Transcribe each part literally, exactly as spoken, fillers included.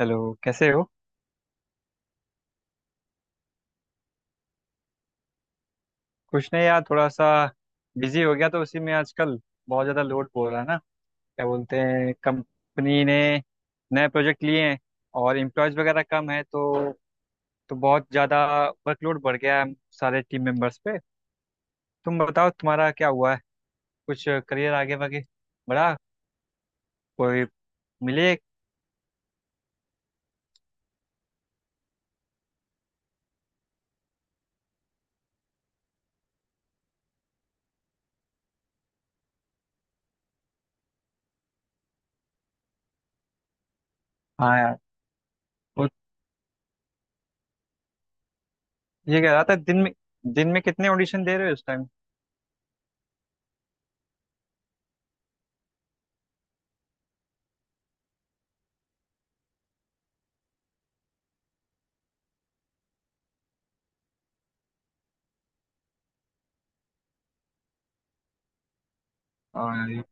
Hello. कैसे हो? कुछ नहीं यार, थोड़ा सा बिजी हो गया तो उसी में आजकल। बहुत ज़्यादा लोड पड़ रहा है ना। क्या बोलते हैं, कंपनी ने नए प्रोजेक्ट लिए हैं और एम्प्लॉयज़ वगैरह कम है तो तो बहुत ज़्यादा वर्कलोड बढ़ गया है सारे टीम मेंबर्स पे। तुम बताओ तुम्हारा क्या हुआ है? कुछ करियर आगे वागे बढ़ा? कोई मिले? हाँ यार। वो ये कह रहा था, दिन में दिन में कितने ऑडिशन दे रहे हो इस टाइम? और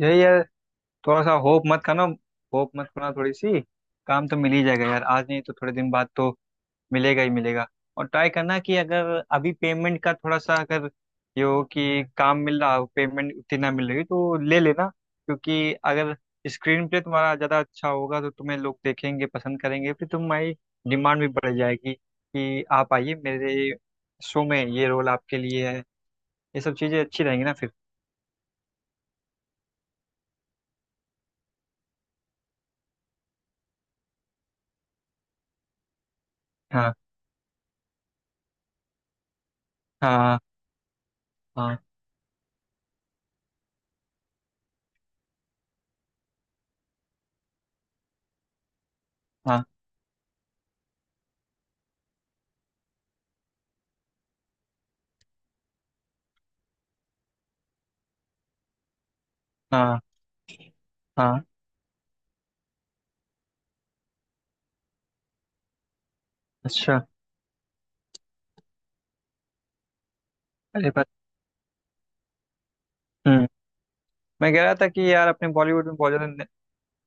यही है, थोड़ा सा होप मत खाना। होप मत खाना थोड़ी सी। काम तो मिल ही जाएगा यार, आज नहीं तो थोड़े दिन बाद तो मिलेगा ही मिलेगा। और ट्राई करना कि अगर अभी पेमेंट का थोड़ा सा, अगर ये हो कि काम मिल रहा हो पेमेंट उतनी ना मिल रही तो ले लेना। क्योंकि अगर स्क्रीन पे तुम्हारा ज़्यादा अच्छा होगा तो तुम्हें लोग देखेंगे, पसंद करेंगे, फिर तुम्हारी डिमांड भी बढ़ जाएगी कि आप आइए मेरे शो में, ये रोल आपके लिए है। ये सब चीज़ें अच्छी रहेंगी ना फिर। हाँ, हाँ, हाँ, हाँ, हाँ, हाँ। अच्छा। अरे बात। हम्म। मैं कह रहा था कि यार अपने बॉलीवुड में बहुत ज्यादा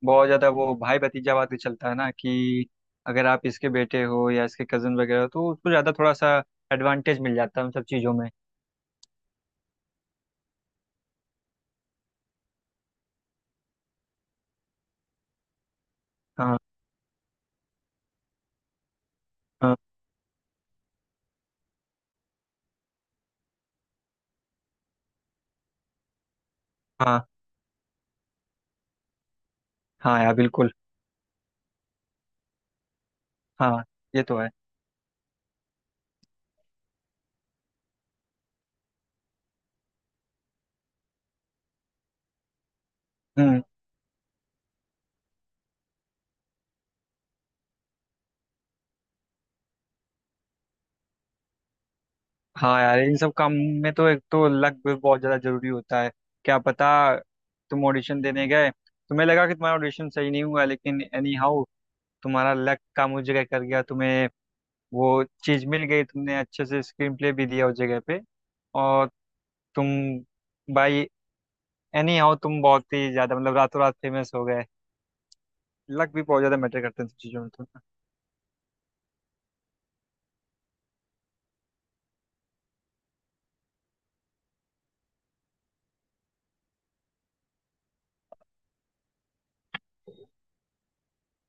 बहुत ज्यादा वो भाई भतीजावाद भी चलता है ना कि अगर आप इसके बेटे हो या इसके कजन वगैरह हो तो उसको ज्यादा थोड़ा सा एडवांटेज मिल जाता है उन सब चीजों में। हाँ, हाँ, हाँ, हाँ यार बिल्कुल। हाँ ये तो है। हम्म। हाँ यार, इन सब काम में तो एक तो लक भी बहुत ज्यादा जरूरी होता है। क्या पता, तुम ऑडिशन देने गए, तुम्हें लगा कि तुम्हारा ऑडिशन सही नहीं हुआ लेकिन एनी हाउ तुम्हारा लक काम उस जगह कर गया, तुम्हें वो चीज मिल गई, तुमने अच्छे से स्क्रीन प्ले भी दिया उस जगह पे। और तुम बाई एनी हाउ तुम बहुत ही ज्यादा मतलब रातों रात फेमस हो गए। लक भी बहुत ज्यादा मैटर करते हैं इन सब चीजों में तो।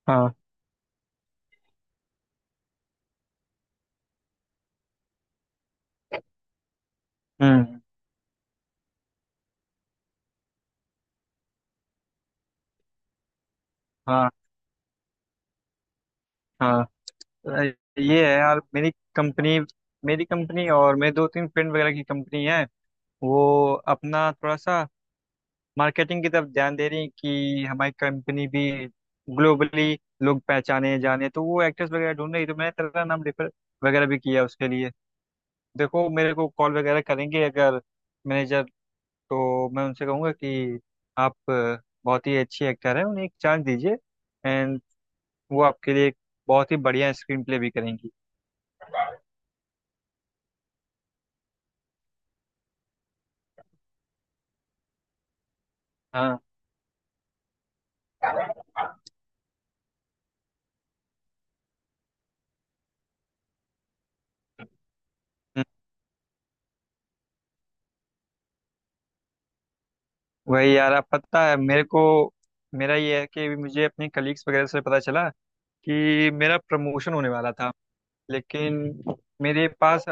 हाँ। हम्म। हाँ, हाँ। अ, ये है यार मेरी कंपनी। मेरी कंपनी और मेरे दो तीन फ्रेंड वगैरह की कंपनी है। वो अपना थोड़ा सा मार्केटिंग की तरफ ध्यान दे रही है कि हमारी कंपनी भी ग्लोबली लोग पहचाने जाने, तो वो एक्टर्स वगैरह ढूंढ रही, तो मैंने तेरा नाम रेफर वगैरह भी किया उसके लिए। देखो, मेरे को कॉल वगैरह करेंगे अगर मैनेजर, तो मैं उनसे कहूँगा कि आप अ, बहुत ही अच्छी एक्टर हैं, उन्हें एक चांस दीजिए। एंड वो आपके लिए एक बहुत ही बढ़िया स्क्रीन प्ले भी करेंगी। हाँ। हम्म। वही यार, आप पता है मेरे को, मेरा ये है कि मुझे अपने कलीग्स वगैरह से पता चला कि मेरा प्रमोशन होने वाला था। लेकिन मेरे पास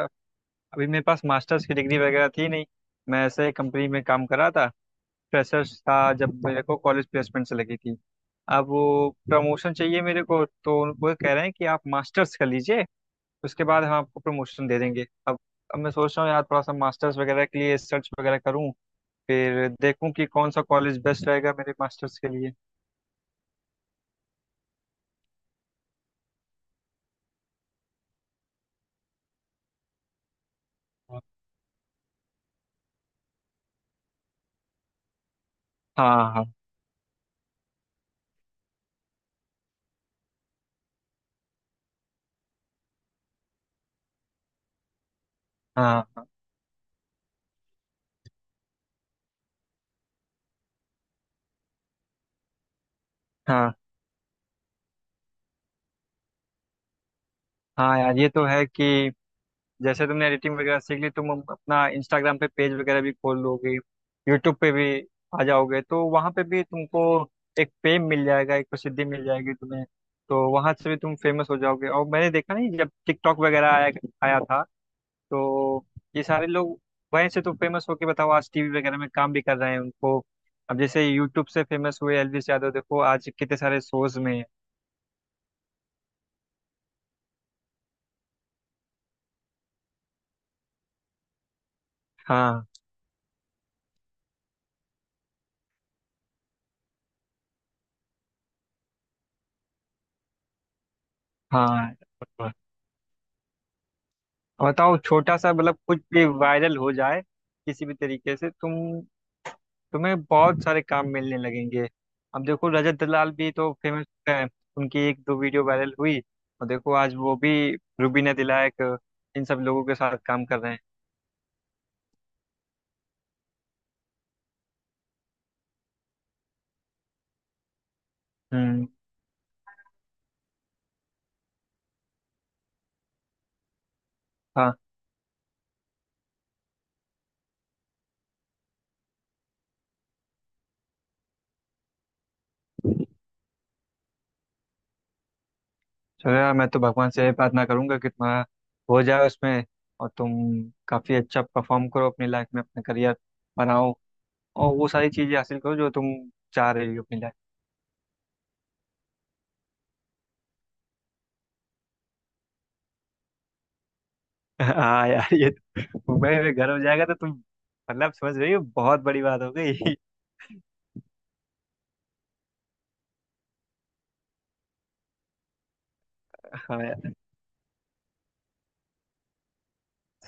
अभी मेरे पास मास्टर्स की डिग्री वगैरह थी नहीं। मैं ऐसे कंपनी में काम कर रहा था, फ्रेशर्स था जब मेरे को कॉलेज प्लेसमेंट से लगी थी। अब वो प्रमोशन चाहिए मेरे को, तो वो कह रहे हैं कि आप मास्टर्स कर लीजिए, उसके बाद हम आपको प्रमोशन दे देंगे। अब अब मैं सोच रहा हूँ यार, थोड़ा सा मास्टर्स वगैरह के लिए सर्च वगैरह करूँ, फिर देखूँ कि कौन सा कॉलेज बेस्ट रहेगा मेरे मास्टर्स के लिए। हाँ, हाँ, हाँ, हाँ, हाँ। हाँ यार ये तो है कि जैसे तुमने एडिटिंग वगैरह सीख ली, तुम अपना इंस्टाग्राम पे पेज वगैरह भी खोल लोगे, यूट्यूब पे भी आ जाओगे तो वहां पे भी तुमको एक फेम मिल जाएगा, एक प्रसिद्धि मिल जाएगी तुम्हें। तो वहां से भी तुम फेमस हो जाओगे। और मैंने देखा नहीं, जब टिकटॉक वगैरह आया आया था, तो ये सारे लोग वहीं से तो फेमस होके, बताओ, आज टीवी वगैरह में काम भी कर रहे हैं उनको। अब जैसे यूट्यूब से फेमस हुए एलवीस यादव, देखो आज कितने सारे शोज में है। हाँ, हाँ। बताओ, छोटा सा, मतलब कुछ भी वायरल हो जाए किसी भी तरीके से, तुम तुम्हें बहुत सारे काम मिलने लगेंगे। अब देखो, रजत दलाल भी तो फेमस हैं। उनकी एक दो वीडियो वायरल हुई और देखो आज वो भी रुबीना दिलायक, इन सब लोगों के साथ काम कर रहे हैं। हम्म। हाँ। चलो यार, मैं तो भगवान से यही प्रार्थना करूंगा कि तुम्हारा हो जाए उसमें और तुम काफी अच्छा परफॉर्म करो अपनी लाइफ में, अपना करियर बनाओ और वो सारी चीजें हासिल करो जो तुम चाह रही हो अपनी लाइफ। हाँ यार, ये मुंबई में घर हो जाएगा तो तुम, मतलब समझ रही हो, बहुत बड़ी बात हो गई। हाँ यार,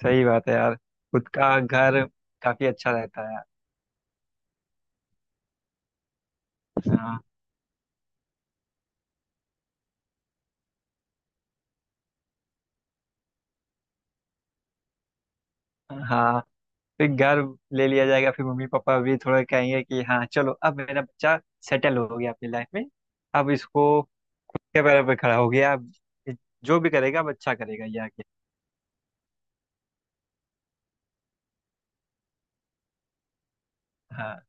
सही बात है यार, खुद का घर काफी अच्छा रहता है यार। हाँ, हाँ। फिर घर ले लिया जाएगा, फिर मम्मी पापा भी थोड़ा कहेंगे कि हाँ चलो, अब मेरा बच्चा सेटल हो गया अपनी लाइफ में। अब इसको के पैरों पे खड़ा हो गया, अब जो भी करेगा अब अच्छा करेगा ये आगे। हाँ।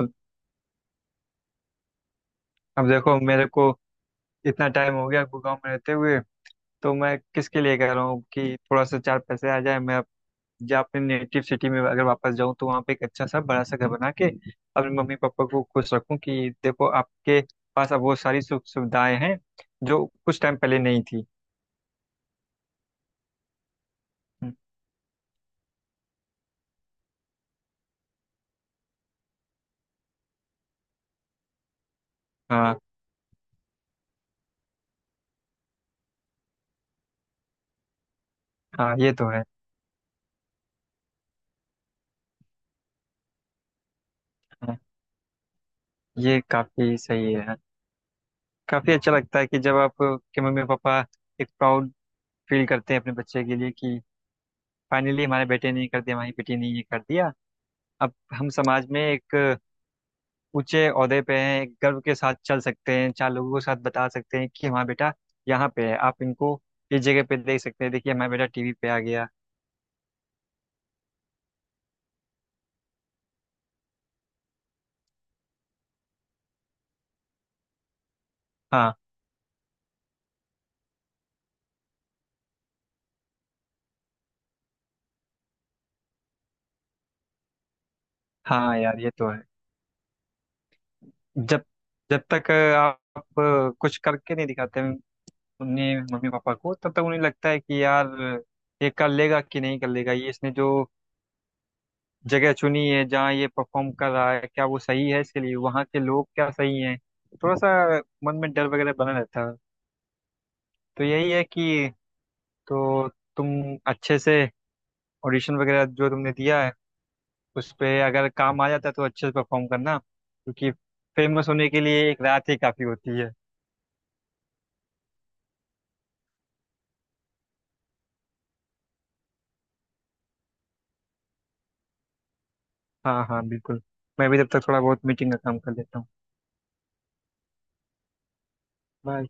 अब अब देखो, मेरे को इतना टाइम हो गया गाँव में रहते हुए, तो मैं किसके लिए कह रहा हूँ कि थोड़ा सा चार पैसे आ जाए, मैं या अपने नेटिव सिटी में अगर वापस जाऊं तो वहां पे एक अच्छा सा बड़ा सा घर बना के अपने मम्मी पापा को खुश रखूं कि देखो, आपके पास अब वो सारी सुख सुविधाएं हैं जो कुछ टाइम पहले नहीं थी। हाँ, हाँ ये तो है। हाँ, ये काफी सही है, हाँ। काफी अच्छा लगता है कि जब आप के मम्मी पापा एक प्राउड फील करते हैं अपने बच्चे के लिए कि फाइनली हमारे बेटे ने ये कर दिया, हमारी बेटी ने ये कर दिया, अब हम समाज में एक ऊंचे ओहदे पे हैं, एक गर्व के साथ चल सकते हैं, चार लोगों के साथ बता सकते हैं कि हाँ, बेटा यहाँ पे है, आप इनको इस जगह पे देख सकते हैं, देखिए हमारा बेटा टीवी पे आ गया। हाँ, हाँ यार ये तो है। जब जब तक आप कुछ करके नहीं दिखाते उन्हें, मम्मी पापा को, तब तक उन्हें लगता है कि यार ये कर लेगा कि नहीं कर लेगा, ये इसने जो जगह चुनी है जहाँ ये परफॉर्म कर रहा है क्या वो सही है इसके लिए, वहाँ के लोग क्या सही हैं, थोड़ा सा मन में डर वगैरह बना रहता है। तो यही है कि, तो तुम अच्छे से ऑडिशन वगैरह जो तुमने दिया है उस पे अगर काम आ जाता है तो अच्छे से परफॉर्म करना, क्योंकि फेमस होने के लिए एक रात ही काफ़ी होती है। हाँ, हाँ बिल्कुल। मैं भी तब तक थोड़ा बहुत मीटिंग का काम कर लेता हूँ। बाय।